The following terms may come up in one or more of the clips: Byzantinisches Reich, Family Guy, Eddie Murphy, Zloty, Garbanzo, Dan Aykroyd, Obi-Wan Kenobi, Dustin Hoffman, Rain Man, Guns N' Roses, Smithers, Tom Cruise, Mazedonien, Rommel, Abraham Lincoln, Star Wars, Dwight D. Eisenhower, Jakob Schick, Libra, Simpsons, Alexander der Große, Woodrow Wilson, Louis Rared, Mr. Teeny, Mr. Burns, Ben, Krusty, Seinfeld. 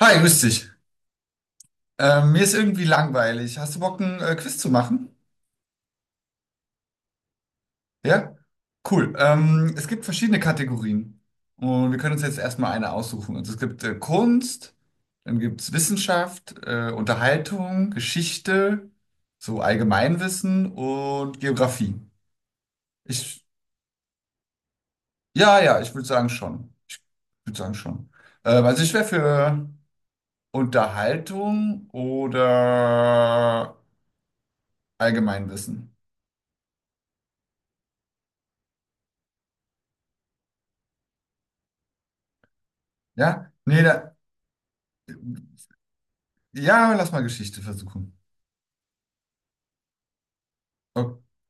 Hi, grüß dich. Mir ist irgendwie langweilig. Hast du Bock, ein Quiz zu machen? Ja? Cool. Es gibt verschiedene Kategorien. Und wir können uns jetzt erstmal eine aussuchen. Also es gibt Kunst, dann gibt es Wissenschaft, Unterhaltung, Geschichte, so Allgemeinwissen und Geografie. Ich, ja, ja, ich würde sagen schon. Ich würde sagen schon. Also ich wäre für Unterhaltung oder Allgemeinwissen. Ja? Nee, da. Ja, lass mal Geschichte versuchen.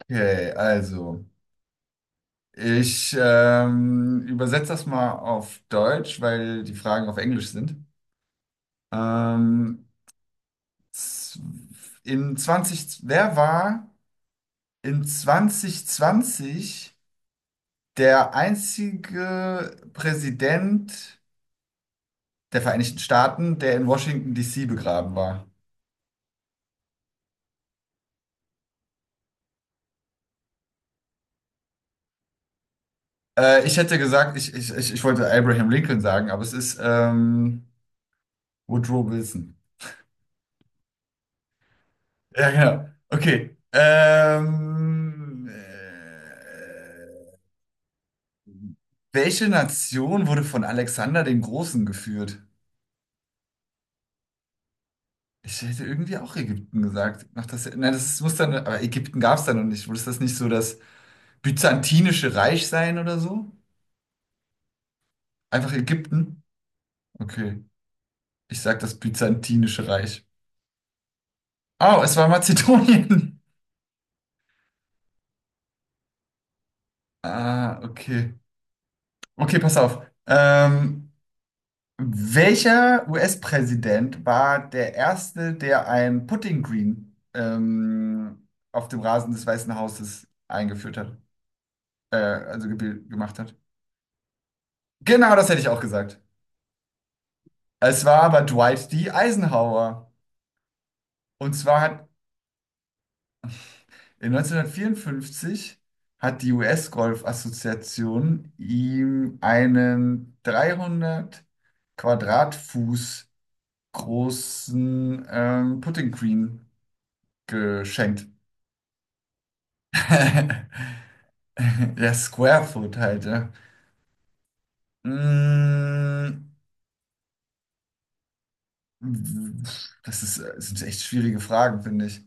Okay, also. Ich übersetze das mal auf Deutsch, weil die Fragen auf Englisch sind. Ähm, z- in 20, Wer war in 2020 der einzige Präsident der Vereinigten Staaten, der in Washington, D.C. begraben war? Ich hätte gesagt, ich wollte Abraham Lincoln sagen, aber es ist Woodrow Wilson. Ja, genau. Okay. Welche Nation wurde von Alexander dem Großen geführt? Ich hätte irgendwie auch Ägypten gesagt. Ach, das, nein, das muss dann, aber Ägypten gab es da noch nicht. Muss das nicht so das Byzantinische Reich sein oder so? Einfach Ägypten? Okay. Ich sag das Byzantinische Reich. Oh, es war Mazedonien. Ah, okay. Okay, pass auf. Ähm, Welcher US-Präsident war der erste, der ein Putting Green auf dem Rasen des Weißen Hauses eingeführt hat, also gemacht hat? Genau, das hätte ich auch gesagt. Es war aber Dwight D. Eisenhower. Und zwar hat in 1954 hat die US-Golf-Assoziation ihm einen 300 Quadratfuß großen Putting Green geschenkt. Ja, Square Foot halt, ja. Mm, Das ist, das sind echt schwierige Fragen, finde ich.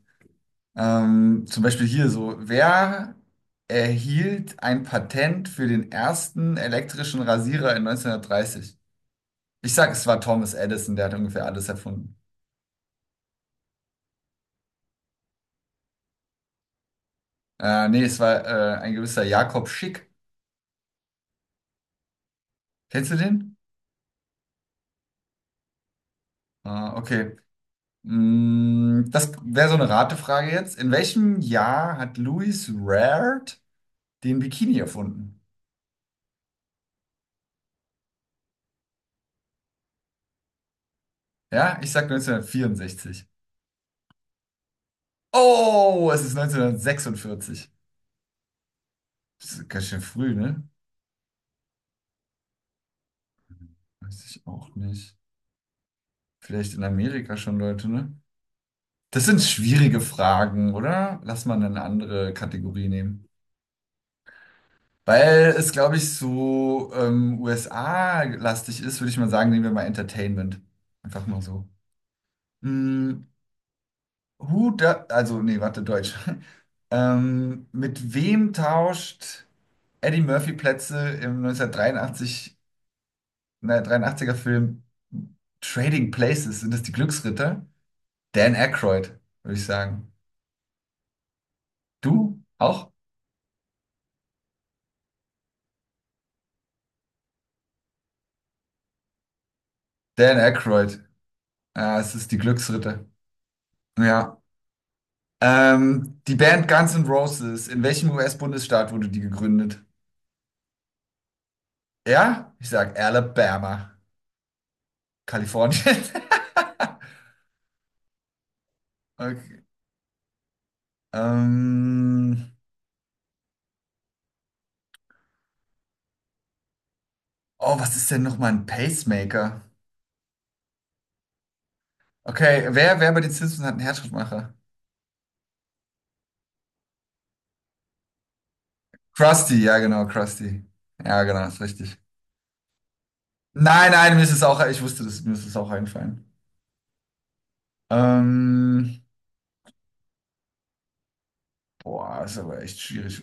Zum Beispiel hier so, wer erhielt ein Patent für den ersten elektrischen Rasierer in 1930? Ich sag, es war Thomas Edison, der hat ungefähr alles erfunden. Nee, es war ein gewisser Jakob Schick. Kennst du den? Ah, okay. Das wäre so eine Ratefrage jetzt. In welchem Jahr hat Louis Rared den Bikini erfunden? Ja, ich sag 1964. Oh, es ist 1946. Das ist ganz schön früh, ne? Weiß ich auch nicht. Vielleicht in Amerika schon Leute, ne? Das sind schwierige Fragen, oder? Lass mal eine andere Kategorie nehmen. Weil es, glaube ich, so USA-lastig ist, würde ich mal sagen, nehmen wir mal Entertainment. Einfach mal so. Mm, Who da, also, nee, warte, Deutsch. Mit wem tauscht Eddie Murphy Plätze im 1983, ne, 83er Film Trading Places, sind das die Glücksritter? Dan Aykroyd, würde ich sagen. Du auch? Dan Aykroyd. Ah, es ist die Glücksritter. Ja. Die Band Guns N' Roses, in welchem US-Bundesstaat wurde die gegründet? Ja, ich sag Alabama, Kalifornien. Okay. Ähm, oh, was ist denn nochmal ein Pacemaker? Okay, wer bei den Simpsons hat einen Herzschrittmacher? Krusty. Ja, genau, ist richtig. Nein, nein, mir ist es auch, ich wusste das, mir ist es auch eingefallen. Ähm, Boah, ist aber echt schwierig.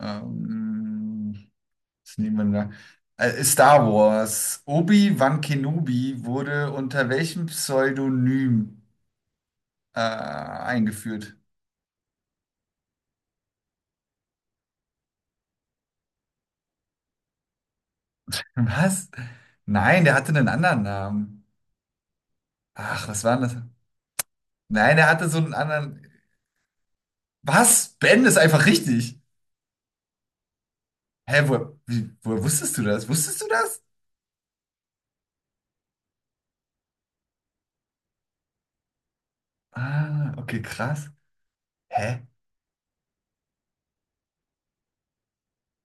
Ähm, Was nehmen wir denn da? Star Wars. Obi-Wan Kenobi wurde unter welchem Pseudonym eingeführt? Was? Nein, der hatte einen anderen Namen. Ach, was war denn das? Nein, der hatte so einen anderen. Was? Ben ist einfach richtig. Hä, wo, wie, woher wusstest du das? Wusstest du das? Ah, okay, krass. Hä?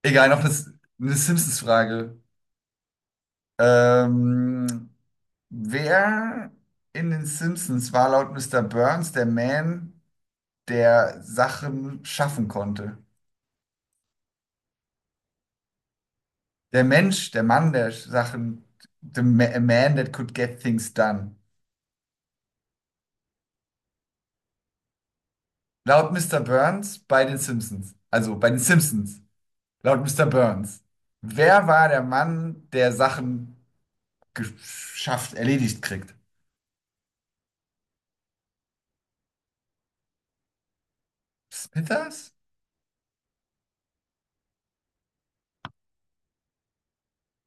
Egal, noch das, eine Simpsons-Frage. Ähm, Wer in den Simpsons war laut Mr. Burns der Man, der Sachen schaffen konnte? Der Mensch, der Mann, der Sachen, a man that could get things done. Laut Mr. Burns bei den Simpsons. Also bei den Simpsons. Laut Mr. Burns. Wer war der Mann, der Sachen geschafft, erledigt kriegt? Smithers?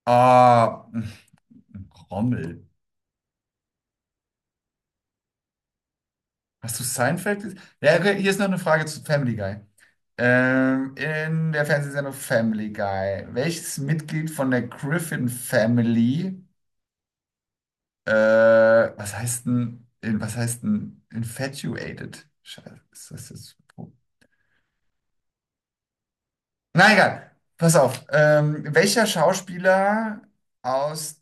Ah, Rommel. Hast du Seinfeld gesehen? Ja, okay, hier ist noch eine Frage zu Family Guy. In der Fernsehsendung Family Guy, welches Mitglied von der Griffin Family, was heißt denn, was heißt denn infatuated? Scheiße, ist das jetzt so? Na egal, pass auf. Welcher Schauspieler aus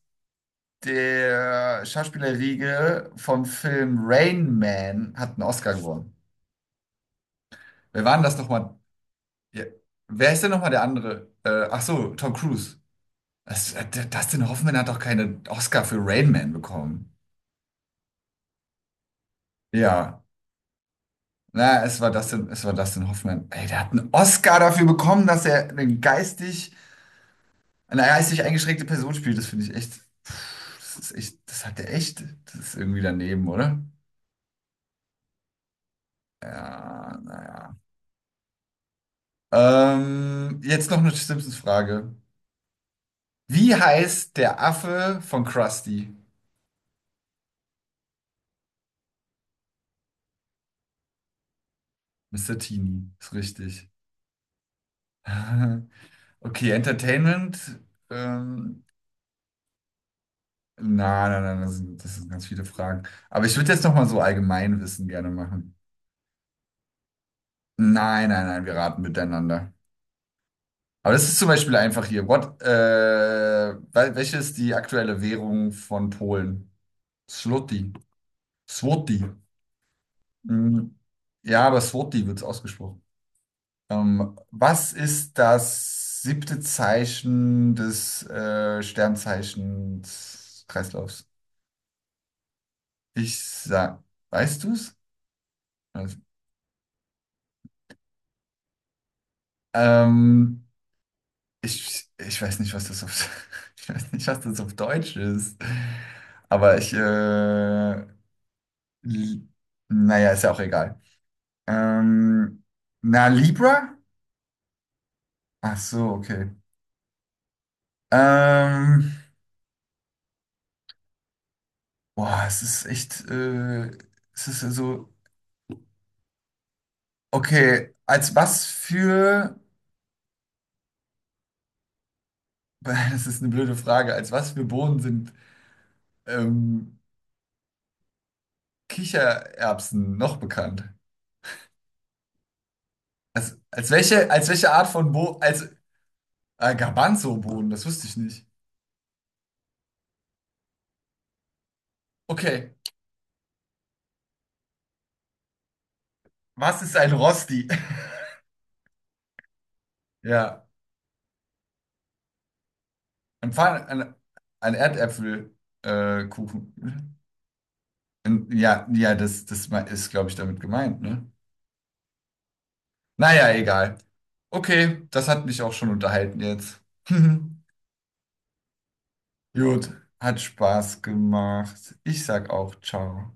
der Schauspielerriege vom Film Rain Man hat einen Oscar gewonnen? Wer war denn das nochmal? Ja. Wer ist denn nochmal der andere? Ach so, Tom Cruise. Dustin Hoffman hat doch keinen Oscar für Rain Man bekommen. Ja, na, es war Dustin Hoffman. Ey, der hat einen Oscar dafür bekommen, dass er eine geistig, eingeschränkte Person spielt. Das finde ich echt, pff, das ist echt, das hat er echt, das ist irgendwie daneben, oder? Ja, naja. Jetzt noch eine Simpsons-Frage. Wie heißt der Affe von Krusty? Mr. Teeny, ist richtig. Okay, Entertainment. Ähm, na, na, na, das sind ganz viele Fragen. Aber ich würde jetzt nochmal so Allgemeinwissen gerne machen. Nein, nein, nein, wir raten miteinander. Aber das ist zum Beispiel einfach hier. Welche ist die aktuelle Währung von Polen? Zloty. Zloty. Mhm. Ja, aber Zloty wird es ausgesprochen. Was ist das siebte Zeichen des Sternzeichens Kreislaufs? Ich sag, weißt du's? Also, ähm, ich weiß nicht, was das auf, ich weiß nicht, was das auf Deutsch ist. Aber ich, li- naja, ist ja auch egal. Ähm, na, Libra? Ach so, okay. Ähm, Boah, es ist echt, es ist ja so, okay, als was für, das ist eine blöde Frage, als was für Bohnen sind, ähm, Kichererbsen noch bekannt? Als welche Art von Bo, als Garbanzo-Boden, das wusste ich nicht. Okay, was ist ein Rosti? Ja, ein, Pfann, ein, ein Erdäpfelkuchen. Kuchen. Ja, ja, das ist, glaube ich, damit gemeint, ne? Naja, egal. Okay, das hat mich auch schon unterhalten jetzt. Gut, hat Spaß gemacht. Ich sag auch ciao.